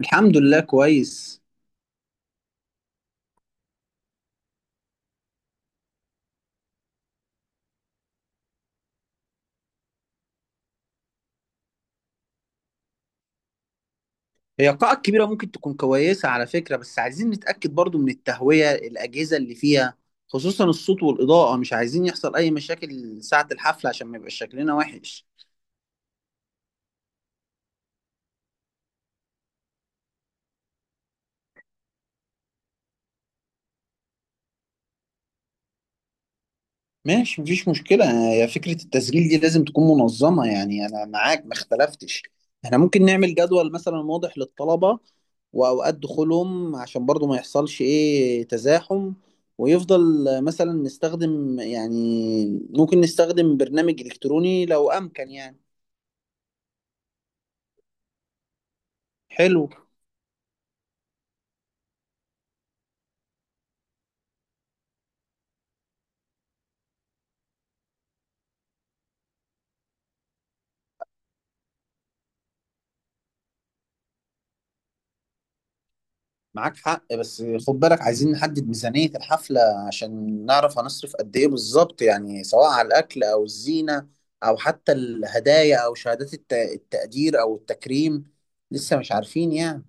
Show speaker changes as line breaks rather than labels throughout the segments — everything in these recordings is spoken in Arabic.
الحمد لله كويس. هي القاعة الكبيرة ممكن تكون كويسة على فكرة، بس عايزين نتأكد برضو من التهوية الأجهزة اللي فيها، خصوصا الصوت والإضاءة. مش عايزين يحصل أي مشاكل ساعة الحفلة عشان ما يبقاش شكلنا وحش. ماشي مفيش مشكلة، هي فكرة التسجيل دي لازم تكون منظمة، يعني أنا معاك ما اختلفتش. احنا ممكن نعمل جدول مثلا واضح للطلبة وأوقات دخولهم عشان برضو ما يحصلش إيه تزاحم. ويفضل مثلا نستخدم يعني ممكن نستخدم برنامج إلكتروني لو أمكن يعني. حلو. معاك حق، بس خد بالك عايزين نحدد ميزانية الحفلة عشان نعرف هنصرف قد ايه بالظبط، يعني سواء على الأكل أو الزينة أو حتى الهدايا أو شهادات التقدير أو التكريم. لسه مش عارفين يعني.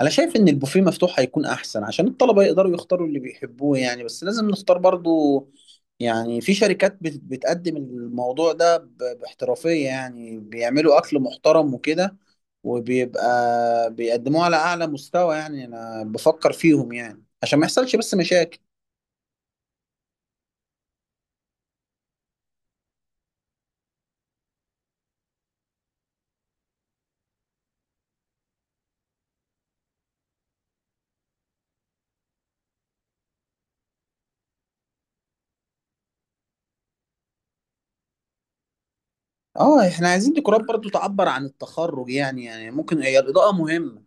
انا شايف ان البوفيه مفتوح هيكون احسن عشان الطلبه يقدروا يختاروا اللي بيحبوه يعني، بس لازم نختار برضو. يعني في شركات بتقدم الموضوع ده باحترافيه، يعني بيعملوا اكل محترم وكده وبيبقى بيقدموه على اعلى مستوى، يعني انا بفكر فيهم يعني عشان ما يحصلش بس مشاكل. اه احنا عايزين ديكورات برضو تعبر عن التخرج، يعني يعني ممكن هي الإضاءة مهمة.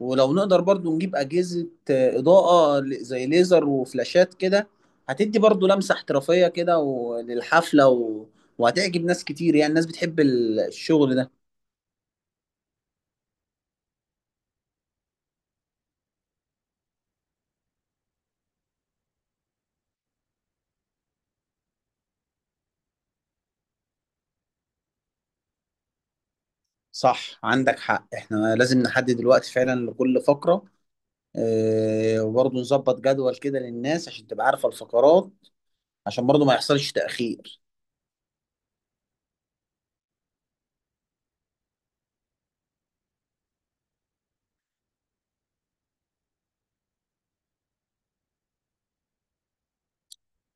ولو نقدر برضو نجيب أجهزة إضاءة زي ليزر وفلاشات كده، هتدي برضو لمسة احترافية كده للحفلة وهتعجب ناس كتير، يعني الناس بتحب الشغل ده. صح عندك حق، احنا لازم نحدد الوقت فعلا لكل فقرة. اه وبرضو نظبط جدول كده للناس عشان تبقى عارفة الفقرات عشان برضو ما يحصلش تأخير.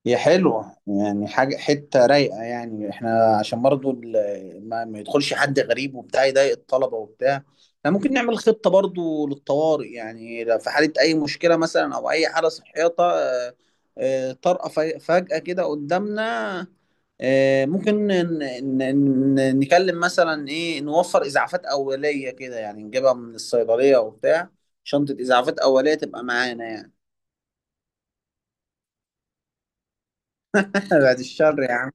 هي حلوة يعني حاجة حتة رايقة، يعني احنا عشان برضو ما يدخلش حد غريب وبتاع يضايق الطلبة وبتاع. احنا ممكن نعمل خطة برضو للطوارئ، يعني لو في حالة أي مشكلة مثلا أو أي حالة صحية طارئة فجأة كده قدامنا. ممكن نكلم مثلا إيه نوفر إسعافات أولية كده، يعني نجيبها من الصيدلية وبتاع، شنطة إسعافات أولية تبقى معانا يعني. بعد الشر يعني.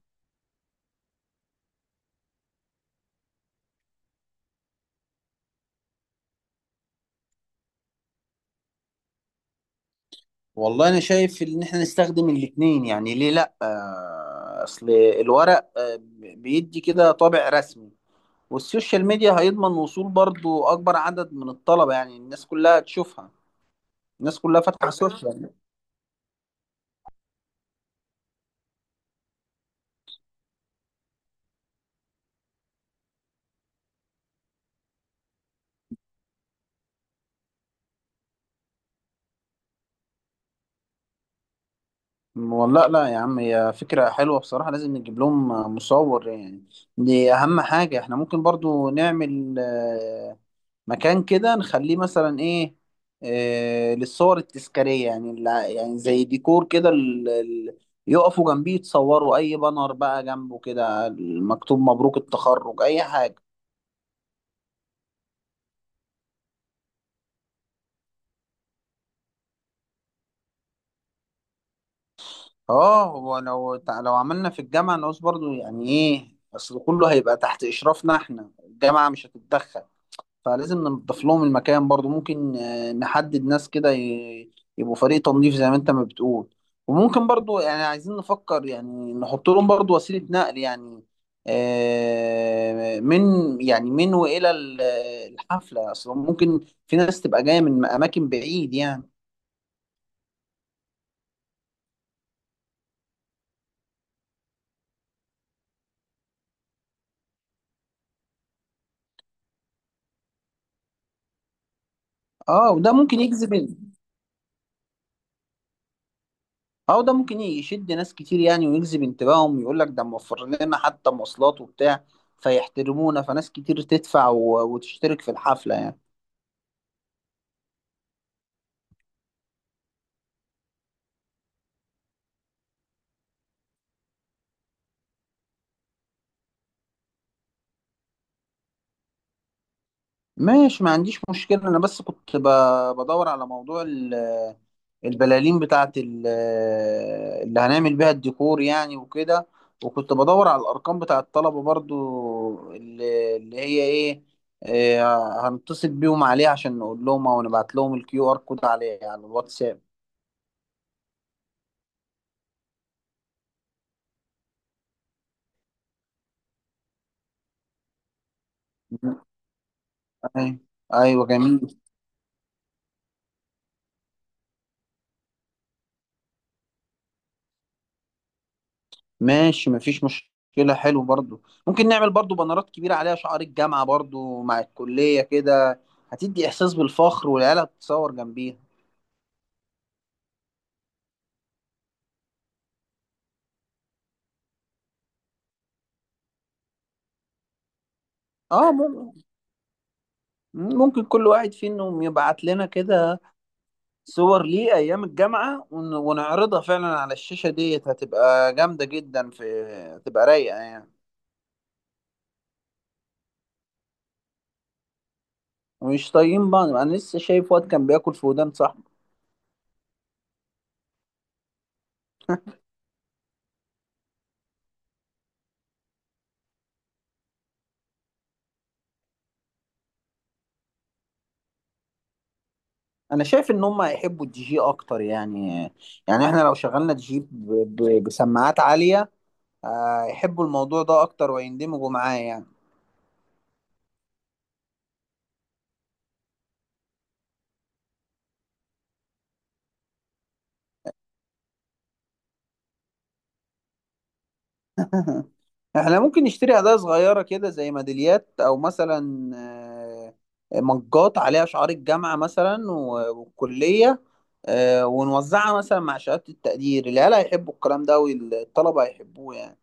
والله انا شايف ان احنا نستخدم الاتنين، يعني ليه لا؟ اصل الورق بيدي كده طابع رسمي، والسوشيال ميديا هيضمن وصول برضو اكبر عدد من الطلبة، يعني الناس كلها تشوفها، الناس كلها فاتحة السوشيال. والله لا يا عم، هي فكرة حلوة بصراحة، لازم نجيب لهم مصور يعني. دي اهم حاجة. احنا ممكن برضو نعمل مكان كده نخليه مثلا ايه، آه للصور التذكارية، يعني يعني زي ديكور كده يقفوا جنبيه يتصوروا، اي بانر بقى جنبه كده مكتوب مبروك التخرج اي حاجة. اه هو لو لو عملنا في الجامعة نقص برضو، يعني ايه اصل كله هيبقى تحت اشرافنا احنا، الجامعة مش هتتدخل. فلازم ننضف لهم المكان برضو، ممكن نحدد ناس كده يبقوا فريق تنظيف زي ما انت ما بتقول. وممكن برضو يعني عايزين نفكر يعني نحط لهم برضو وسيلة نقل يعني، من يعني من وإلى الحفلة أصلا، ممكن في ناس تبقى جاية من أماكن بعيد يعني. اه وده ممكن يجذب. اه وده ممكن يشد ناس كتير يعني، ويجذب انتباههم، يقول لك ده موفر لنا حتى مواصلات وبتاع فيحترمونا، فناس كتير تدفع وتشترك في الحفلة يعني. ماشي ما عنديش مشكلة، أنا بس كنت بدور على موضوع البلالين بتاعة اللي هنعمل بيها الديكور يعني وكده. وكنت بدور على الأرقام بتاع الطلبة برضو اللي هي إيه، إيه، هنتصل بيهم عليه عشان نقول لهم أو نبعت لهم الكيو آر كود عليه على الواتساب. أيوة. أيوة، جميل. ماشي مفيش مشكلة، حلو برضو ممكن نعمل برضو بانرات كبيرة عليها شعار الجامعة برضو مع الكلية كده، هتدي إحساس بالفخر والعيال هتتصور جنبيها. اه ممكن، ممكن كل واحد فيهم يبعت لنا كده صور ليه أيام الجامعة ونعرضها فعلا على الشاشة ديت، هتبقى جامدة جدا في، هتبقى رايقة يعني. ومش طايقين بعض، أنا لسه شايف واد كان بياكل في ودان صاحبه. أنا شايف إن هم هيحبوا الدي جي أكتر يعني، يعني إحنا لو شغلنا دي جي بسماعات عالية، يحبوا الموضوع ده اكتر ويندمجوا معاه يعني. احنا ممكن نشتري هدايا صغيرة كده زي ميداليات او مثلا مجات عليها شعار الجامعة مثلا والكلية، ونوزعها مثلا مع شهادة التقدير. العيال هيحبوا الكلام ده والطلبة هيحبوه يعني.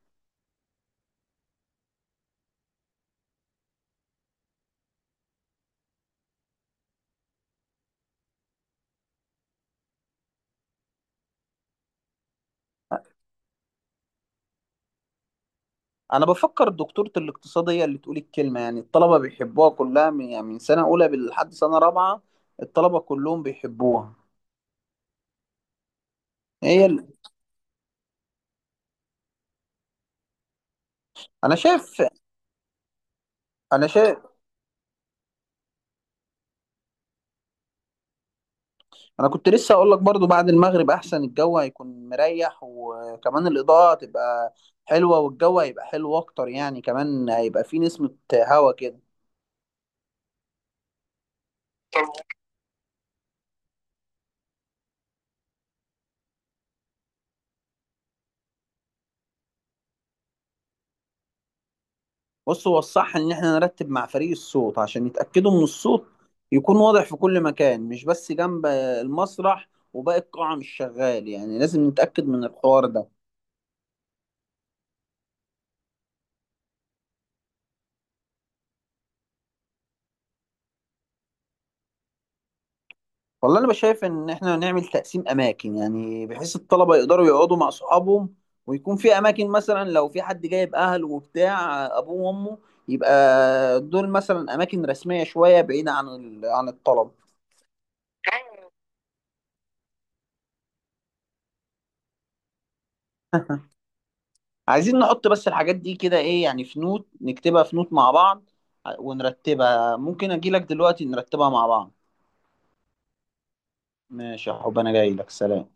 انا بفكر دكتورة الاقتصاد هي اللي تقول الكلمة، يعني الطلبة بيحبوها كلها من يعني من سنة اولى لحد سنة رابعة، الطلبة كلهم بيحبوها. هي اللي... انا شايف انا شايف انا كنت لسه اقول لك برضو بعد المغرب احسن، الجو هيكون مريح وكمان الاضاءة هتبقى حلوة والجو هيبقى حلو اكتر يعني، كمان هيبقى فيه نسمة هوا كده. بص هو الصح ان احنا نرتب مع فريق الصوت عشان يتأكدوا من الصوت يكون واضح في كل مكان، مش بس جنب المسرح وباقي القاعة مش شغال، يعني لازم نتأكد من الحوار ده. والله انا بشايف ان احنا نعمل تقسيم اماكن، يعني بحيث الطلبه يقدروا يقعدوا مع اصحابهم، ويكون في اماكن مثلا لو في حد جايب اهله وبتاع ابوه وامه، يبقى دول مثلا اماكن رسميه شويه بعيده عن عن الطلبه. عايزين نحط بس الحاجات دي كده ايه يعني في نوت، نكتبها في نوت مع بعض ونرتبها، ممكن اجي لك دلوقتي نرتبها مع بعض. ماشي يا حب انا جاي لك، سلام.